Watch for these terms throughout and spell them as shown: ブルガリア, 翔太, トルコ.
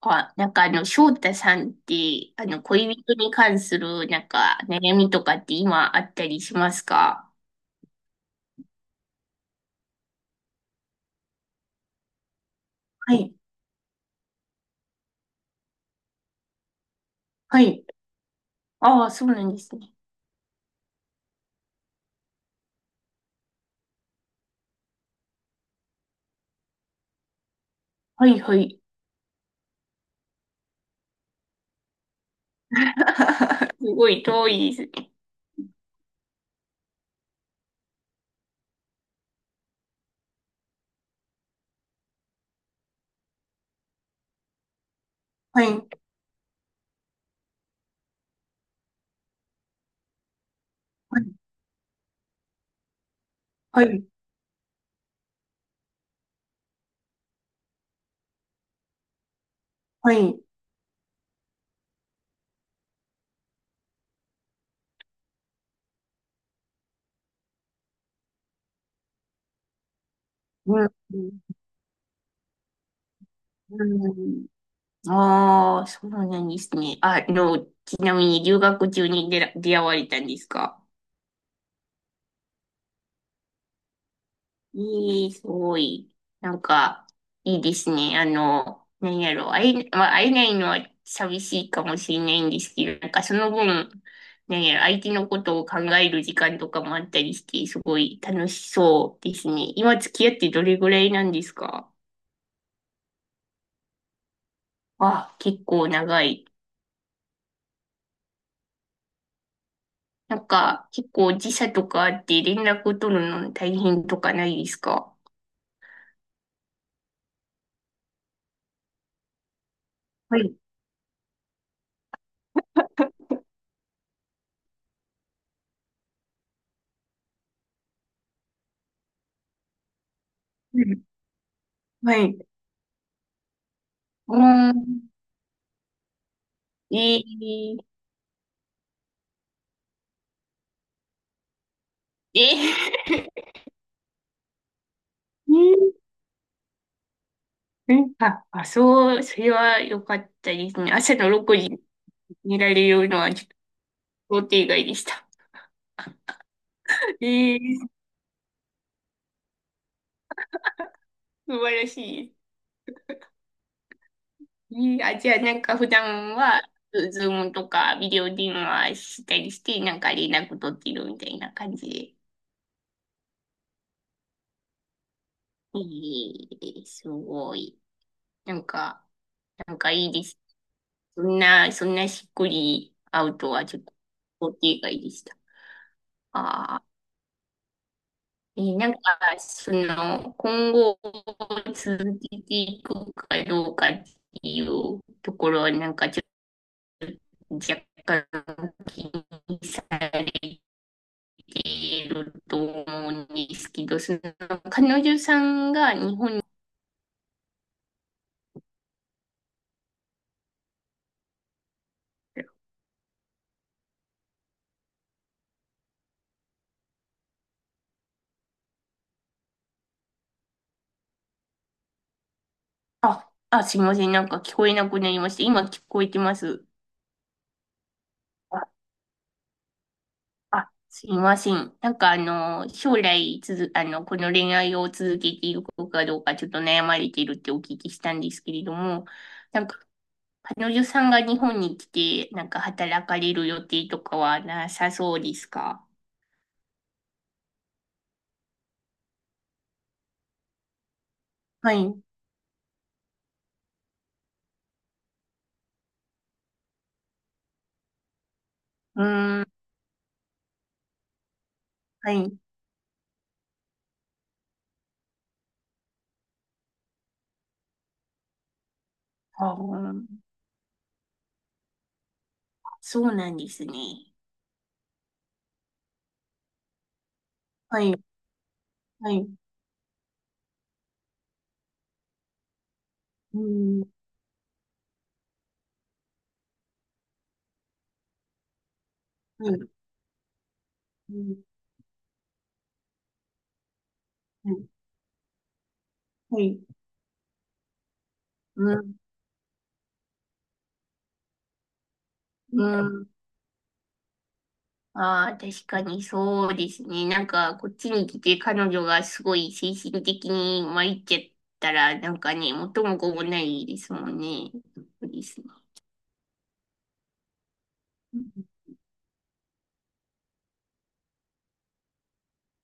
あ、なんか翔太さんって、恋人に関する、なんか、悩みとかって今あったりしますか？はい。はい。ああ、そうなんですね。はい、はい。すごい遠いですね。はい。はい、はい、はい。うん、うん。ああ、そうなんですね。ちなみに留学中に出会われたんですか？いい、すごい。なんか、いいですね。なんやろ、まあ、会えないのは寂しいかもしれないんですけど、なんかその分、なんやろ、相手のことを考える時間とかもあったりして、すごい楽しそうですね。今付き合ってどれぐらいなんですか？あ、結構長い。なんか、結構時差とかあって連絡取るの大変とかないですか？はい。うん、はい。うーん。えー、えー、えー、うん、あ、あ、そう、それは良かったですね。朝の6時に寝られるのはちょっと想定外でした。ええ、素晴らしい。ええ、あ、じゃあなんか普段は、ズームとかビデオ電話したりして、なんか連絡取ってるみたいな感じで。ええ、すごい。なんか、なんかいいです。そんなしっくり会うとはちょっと想定外でした。ああ。なんか、今後続けていくかどうかっていうところは、なんかちょっと若干気にされていると思うんですけど、彼女さんが日本に、あ、あ、すいません、なんか聞こえなくなりました。今聞こえてます。あ、あ、すいません。なんか将来つづ、この恋愛を続けていくかどうか、ちょっと悩まれているってお聞きしたんですけれども、なんか彼女さんが日本に来て、なんか働かれる予定とかはなさそうですか？はい。うーん、はい。あー、そうなんですね。はい。うん、はい。はい。うん、うん。ああ、確かにそうですね。なんか、こっちに来て彼女がすごい精神的に参っちゃったら、なんかね、元も子もないですもんね。そうですね。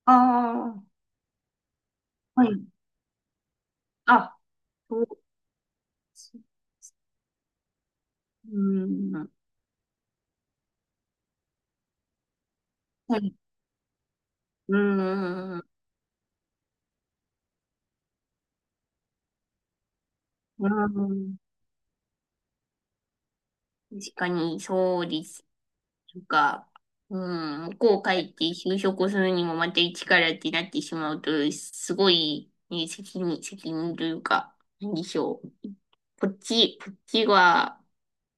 ああ、はい。あ、そうです。うん。はい、うん、うん、うん。確かに、そうです。とか、うん、向こう帰って就職するにもまた一からってなってしまうと、すごい、ね、責任というか、なんでしょう。こっちは、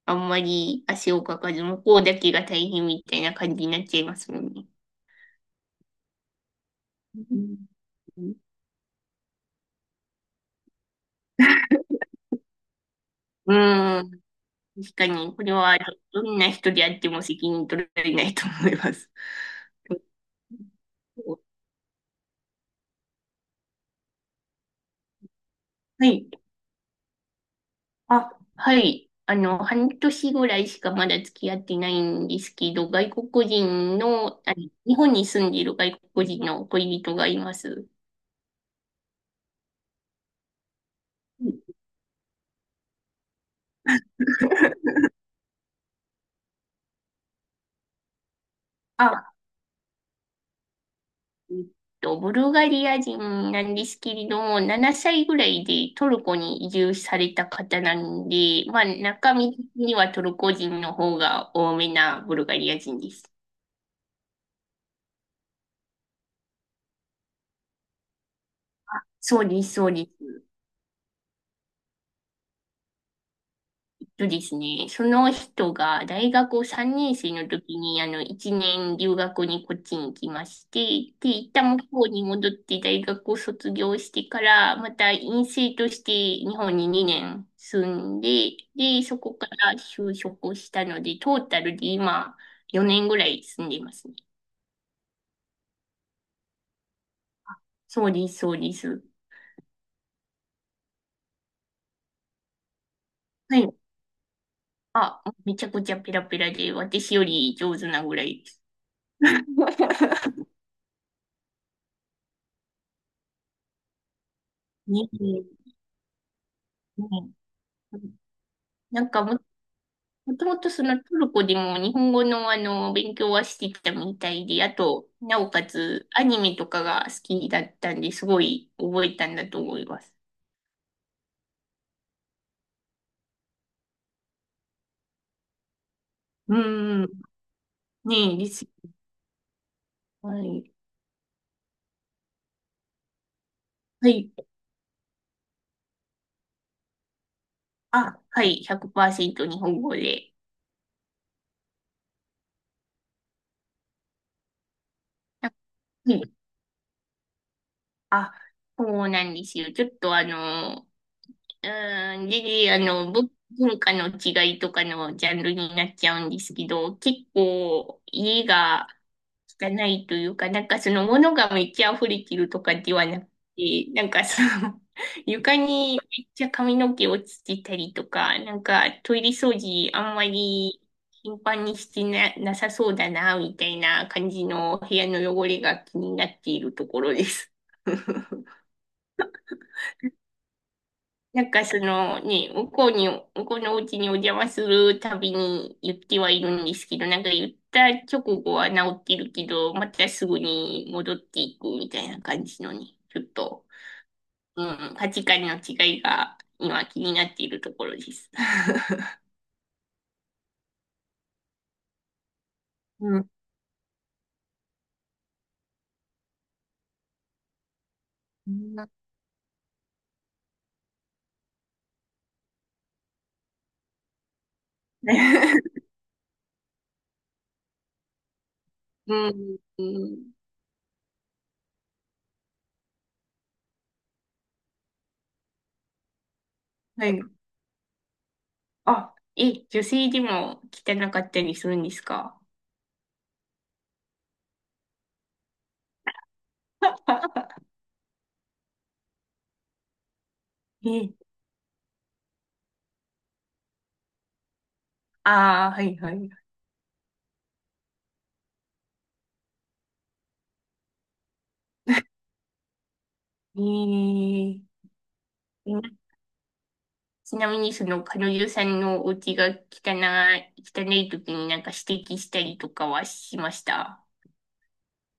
あんまり足をかかず、向こうだけが大変みたいな感じになっちゃいますもんね。うん、うん、確かに、これはどんな人であっても責任取られないと思います。はい。あ、はい。半年ぐらいしかまだ付き合ってないんですけど、外国人の、日本に住んでいる外国人の恋人がいます。うん、あ、えっブルガリア人なんですけれども、7歳ぐらいでトルコに移住された方なんで、まあ、中身的にはトルコ人の方が多めなブルガリア人です。そうです、そうです。そうですね。その人が大学3年生の時に、1年留学にこっちに来まして、で、一旦向こうに戻って大学を卒業してから、また院生として日本に2年住んで、で、そこから就職したので、トータルで今4年ぐらい住んでますね。そうです、そうです。はい。あ、めちゃくちゃペラペラで、私より上手なぐらいです。ねえなんかももともとそのトルコでも日本語の勉強はしてきたみたいで、あと、なおかつアニメとかが好きだったんですごい覚えたんだと思います。うん、ねえです。はい。はい。あ、はい、100%日本語で。はい。あ、そうなんですよ。ちょっとうん、で、文化の違いとかのジャンルになっちゃうんですけど、結構家が汚いというか、なんかその物がめっちゃ溢れてるとかではなくて、なんかその 床にめっちゃ髪の毛落ちてたりとか、なんかトイレ掃除あんまり頻繁にしてなさそうだな、みたいな感じの部屋の汚れが気になっているところです。なんかそのね、向こうのお家にお邪魔するたびに言ってはいるんですけど、なんか言った直後は治ってるけど、またすぐに戻っていくみたいな感じのね、ちょっと、うん、価値観の違いが今気になっているところです。うん。うんうん、うん、はい。あ、え、女性でも汚かったりするんですか？ え、ああ、はいはい。えー、ちなみにその彼女さんのお家が汚い時になんか指摘したりとかはしました？